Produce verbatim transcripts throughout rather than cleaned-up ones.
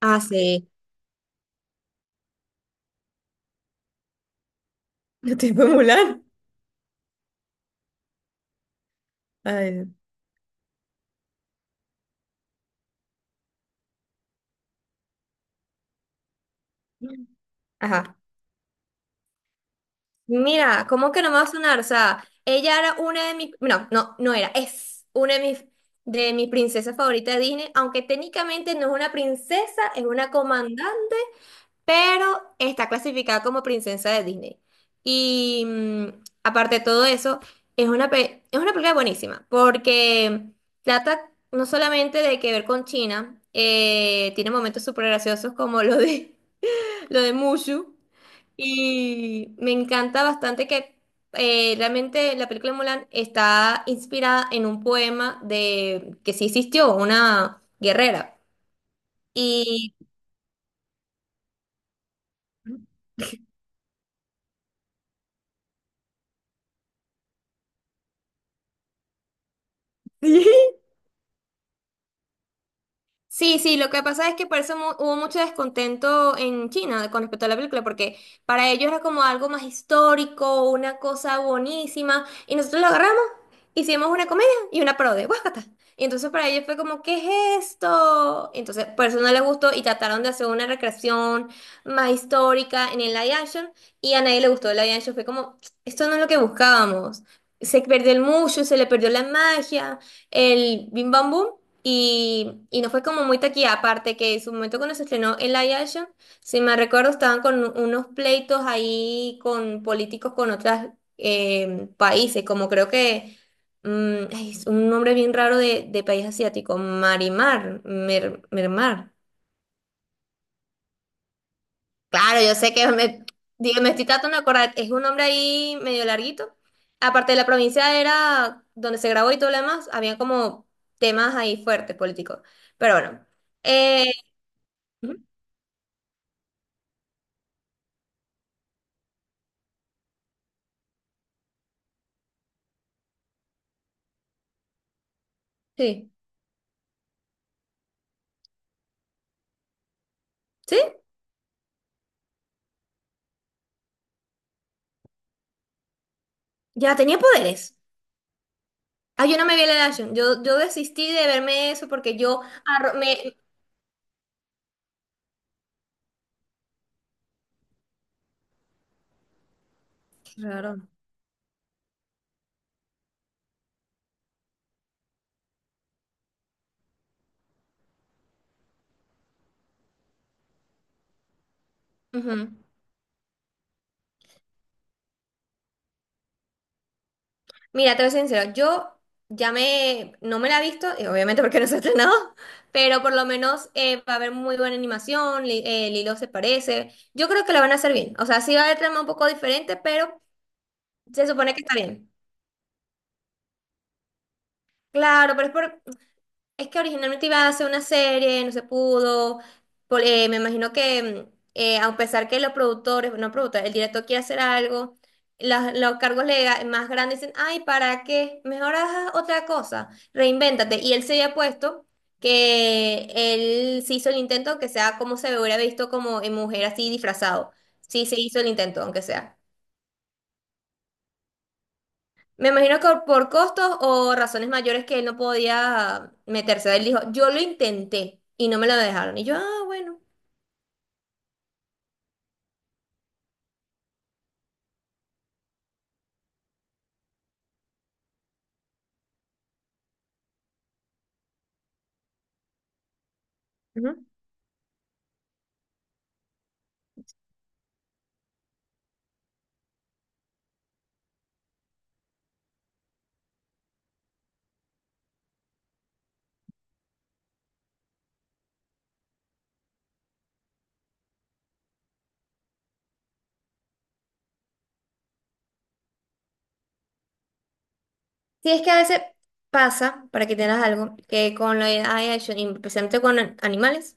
Ah, sí, yo tipo Mulan. Ay, no. Ajá. Mira, ¿cómo que no me va a sonar? O sea, ella era una de mis... No, no, no era. Es una de mis, de mis princesas favoritas de Disney, aunque técnicamente no es una princesa, es una comandante. Pero está clasificada como princesa de Disney. Y mm, aparte de todo eso, es una, pe- es una película buenísima, porque trata no solamente de que ver con China, eh, tiene momentos súper graciosos como lo de, lo de Mushu, y me encanta bastante que eh, realmente la película de Mulan está inspirada en un poema de que sí existió, una guerrera. Y sí, sí, lo que pasa es que por eso mu- hubo mucho descontento en China con respecto a la película, porque para ellos era como algo más histórico, una cosa buenísima, y nosotros lo agarramos, hicimos una comedia y una parodia, ¡guácata! Y entonces para ellos fue como, ¿qué es esto? Entonces por eso no les gustó y trataron de hacer una recreación más histórica en el live action, y a nadie le gustó el live action, fue como, esto no es lo que buscábamos. Se perdió el mushu, se le perdió la magia, el bim bam boom. Y, y no fue como muy taquilla, aparte que en su momento cuando se estrenó el live action, si me recuerdo, estaban con u- unos pleitos ahí con políticos con otros países, como creo que mm, ay, es un nombre bien raro de, de país asiático, Marimar, Mer- Mermar. Claro, yo sé que me, digo, me estoy tratando de acordar, es un nombre ahí medio larguito. Aparte de la provincia era donde se grabó y todo lo demás, había como temas ahí fuertes políticos. Pero bueno. eh, ujú. Sí, sí, ya tenía poderes. Ah, yo no me vi la Action. Yo, yo desistí de verme eso porque yo arro- me. Claro. Ujú. Mira, te voy a ser sincera, yo ya me, no me la he visto, eh, obviamente porque no se ha estrenado, pero por lo menos eh, va a haber muy buena animación, Li- eh, Lilo se parece, yo creo que la van a hacer bien, o sea, sí va a haber trama un poco diferente, pero se supone que está bien. Claro, pero es por, es que originalmente iba a hacer una serie, no se pudo. Por- eh, me imagino que, mm, eh, a pesar que los productores, no productores, el director quiere hacer algo, las- los cargos lega- más grandes dicen, ay, ¿para qué? Mejor haz otra cosa, reinvéntate. Y él se había puesto que él se hizo el intento, aunque sea como se hubiera visto como en mujer así disfrazado. Sí, se hizo el intento, aunque sea. Me imagino que por costos o razones mayores que él no podía meterse. Él dijo, yo lo intenté y no me lo dejaron. Y yo, ah, bueno. Ujú. Sí, es que a veces pasa, para que tengas algo, que con la A I action, y especialmente con an- animales,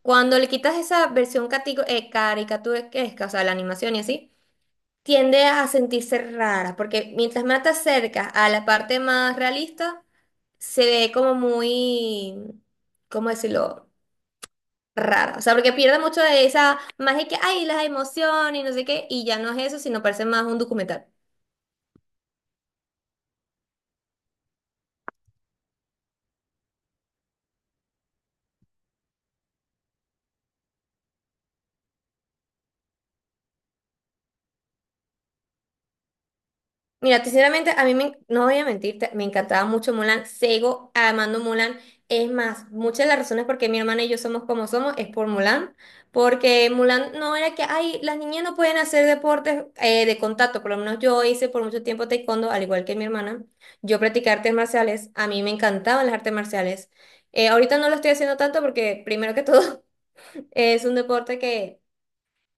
cuando le quitas esa versión catico- eh, caricaturesca, o sea, la animación y así, tiende a sentirse rara, porque mientras más te acercas a la parte más realista, se ve como muy, ¿cómo decirlo? Rara. O sea, porque pierde mucho de esa magia que hay, las emociones y no sé qué, y ya no es eso, sino parece más un documental. Mira, sinceramente, a mí me, no voy a mentirte, me encantaba mucho Mulan, sigo amando Mulan. Es más, muchas de las razones por qué mi hermana y yo somos como somos es por Mulan, porque Mulan no era que, ay, las niñas no pueden hacer deportes eh, de contacto, por lo menos yo hice por mucho tiempo taekwondo, al igual que mi hermana. Yo practiqué artes marciales, a mí me encantaban las artes marciales. Eh, ahorita no lo estoy haciendo tanto porque, primero que todo, es un deporte que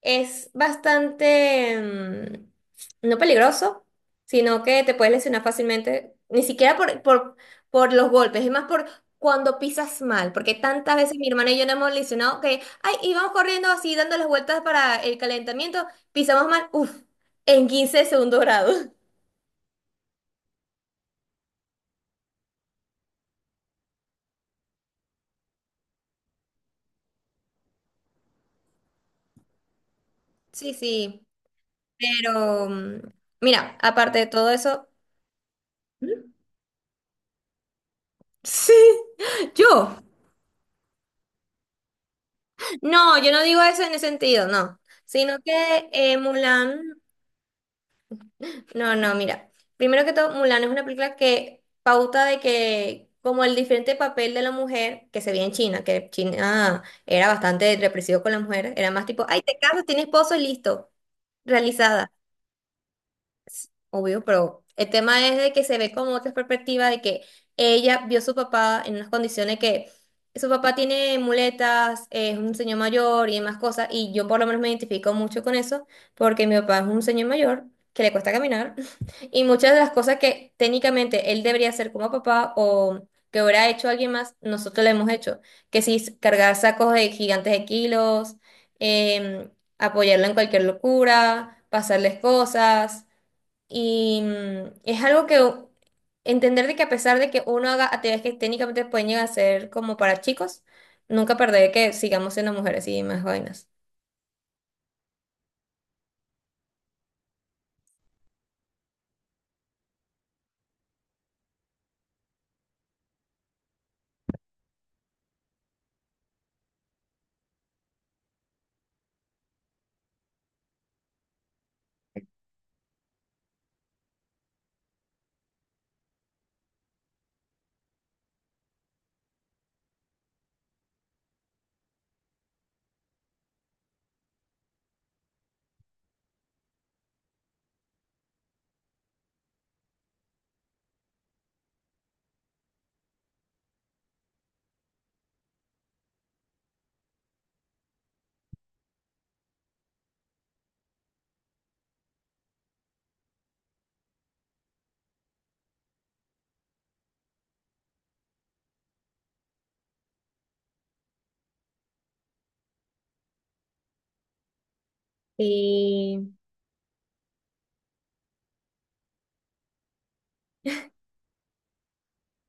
es bastante, mm, no peligroso, sino que te puedes lesionar fácilmente, ni siquiera por, por, por los golpes, es más por cuando pisas mal, porque tantas veces mi hermana y yo nos hemos lesionado que, ay, íbamos corriendo así, dando las vueltas para el calentamiento, pisamos mal, uff, en quince de segundo grado. Sí, sí, pero mm, mira, aparte de todo eso... ¿Mm? Sí, yo. No, yo no digo eso en ese sentido, no. Sino que eh, Mulan, no, no, mira. Primero que todo, Mulan es una película que pauta de que como el diferente papel de la mujer que se veía en China, que China era bastante represivo con la mujer, era más tipo, ay, te casas, tienes esposo y listo, realizada. Obvio, pero el tema es de que se ve como otra perspectiva de que ella vio a su papá en unas condiciones que su papá tiene muletas, es un señor mayor y demás cosas, y yo por lo menos me identifico mucho con eso, porque mi papá es un señor mayor que le cuesta caminar, y muchas de las cosas que técnicamente él debería hacer como papá o que hubiera hecho alguien más, nosotros le hemos hecho, que si es cargar sacos de gigantes de kilos, em, apoyarlo en cualquier locura, pasarles cosas. Y mm, es algo que u- entender de que a pesar de que uno haga actividades que técnicamente pueden llegar a ser como para chicos, nunca perder que sigamos siendo mujeres y más vainas. Y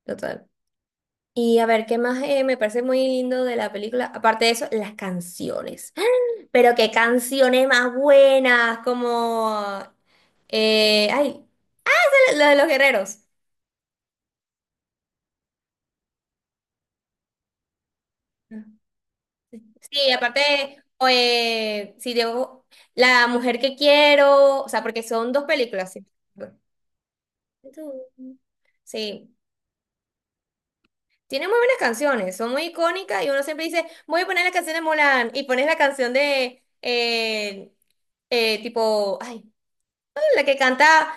total. Y a ver, ¿qué más eh, me parece muy lindo de la película? Aparte de eso, las canciones. Pero qué canciones más buenas, como... eh, ay, la la de los guerreros. Sí, aparte, eh, si debo, la mujer que quiero, o sea, porque son dos películas. Sí, tú. Sí. Tiene muy buenas canciones, son muy icónicas y uno siempre dice, voy a poner la canción de Mulan y pones la canción de, eh, eh, tipo, ay, la que canta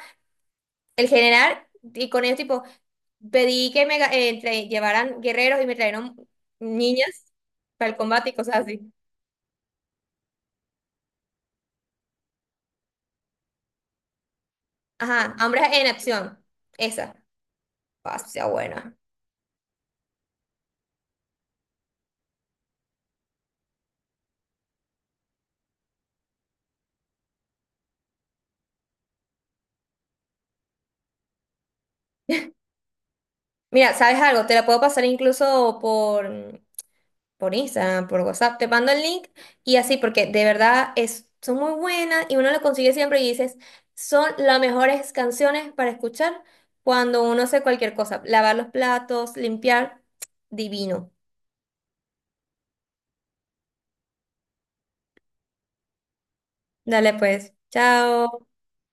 el general y con ellos tipo, pedí que me ga- eh, tra- llevaran guerreros y me trajeron niñas para el combate y cosas así. Ajá, hombres en acción, esa. Ah, sí, sea buena. Mira, ¿sabes algo? Te la puedo pasar incluso por, por Instagram, por WhatsApp. Te mando el link y así, porque de verdad es, son muy buenas y uno lo consigue siempre y dices, son las mejores canciones para escuchar cuando uno hace cualquier cosa. Lavar los platos, limpiar, divino. Dale pues, chao.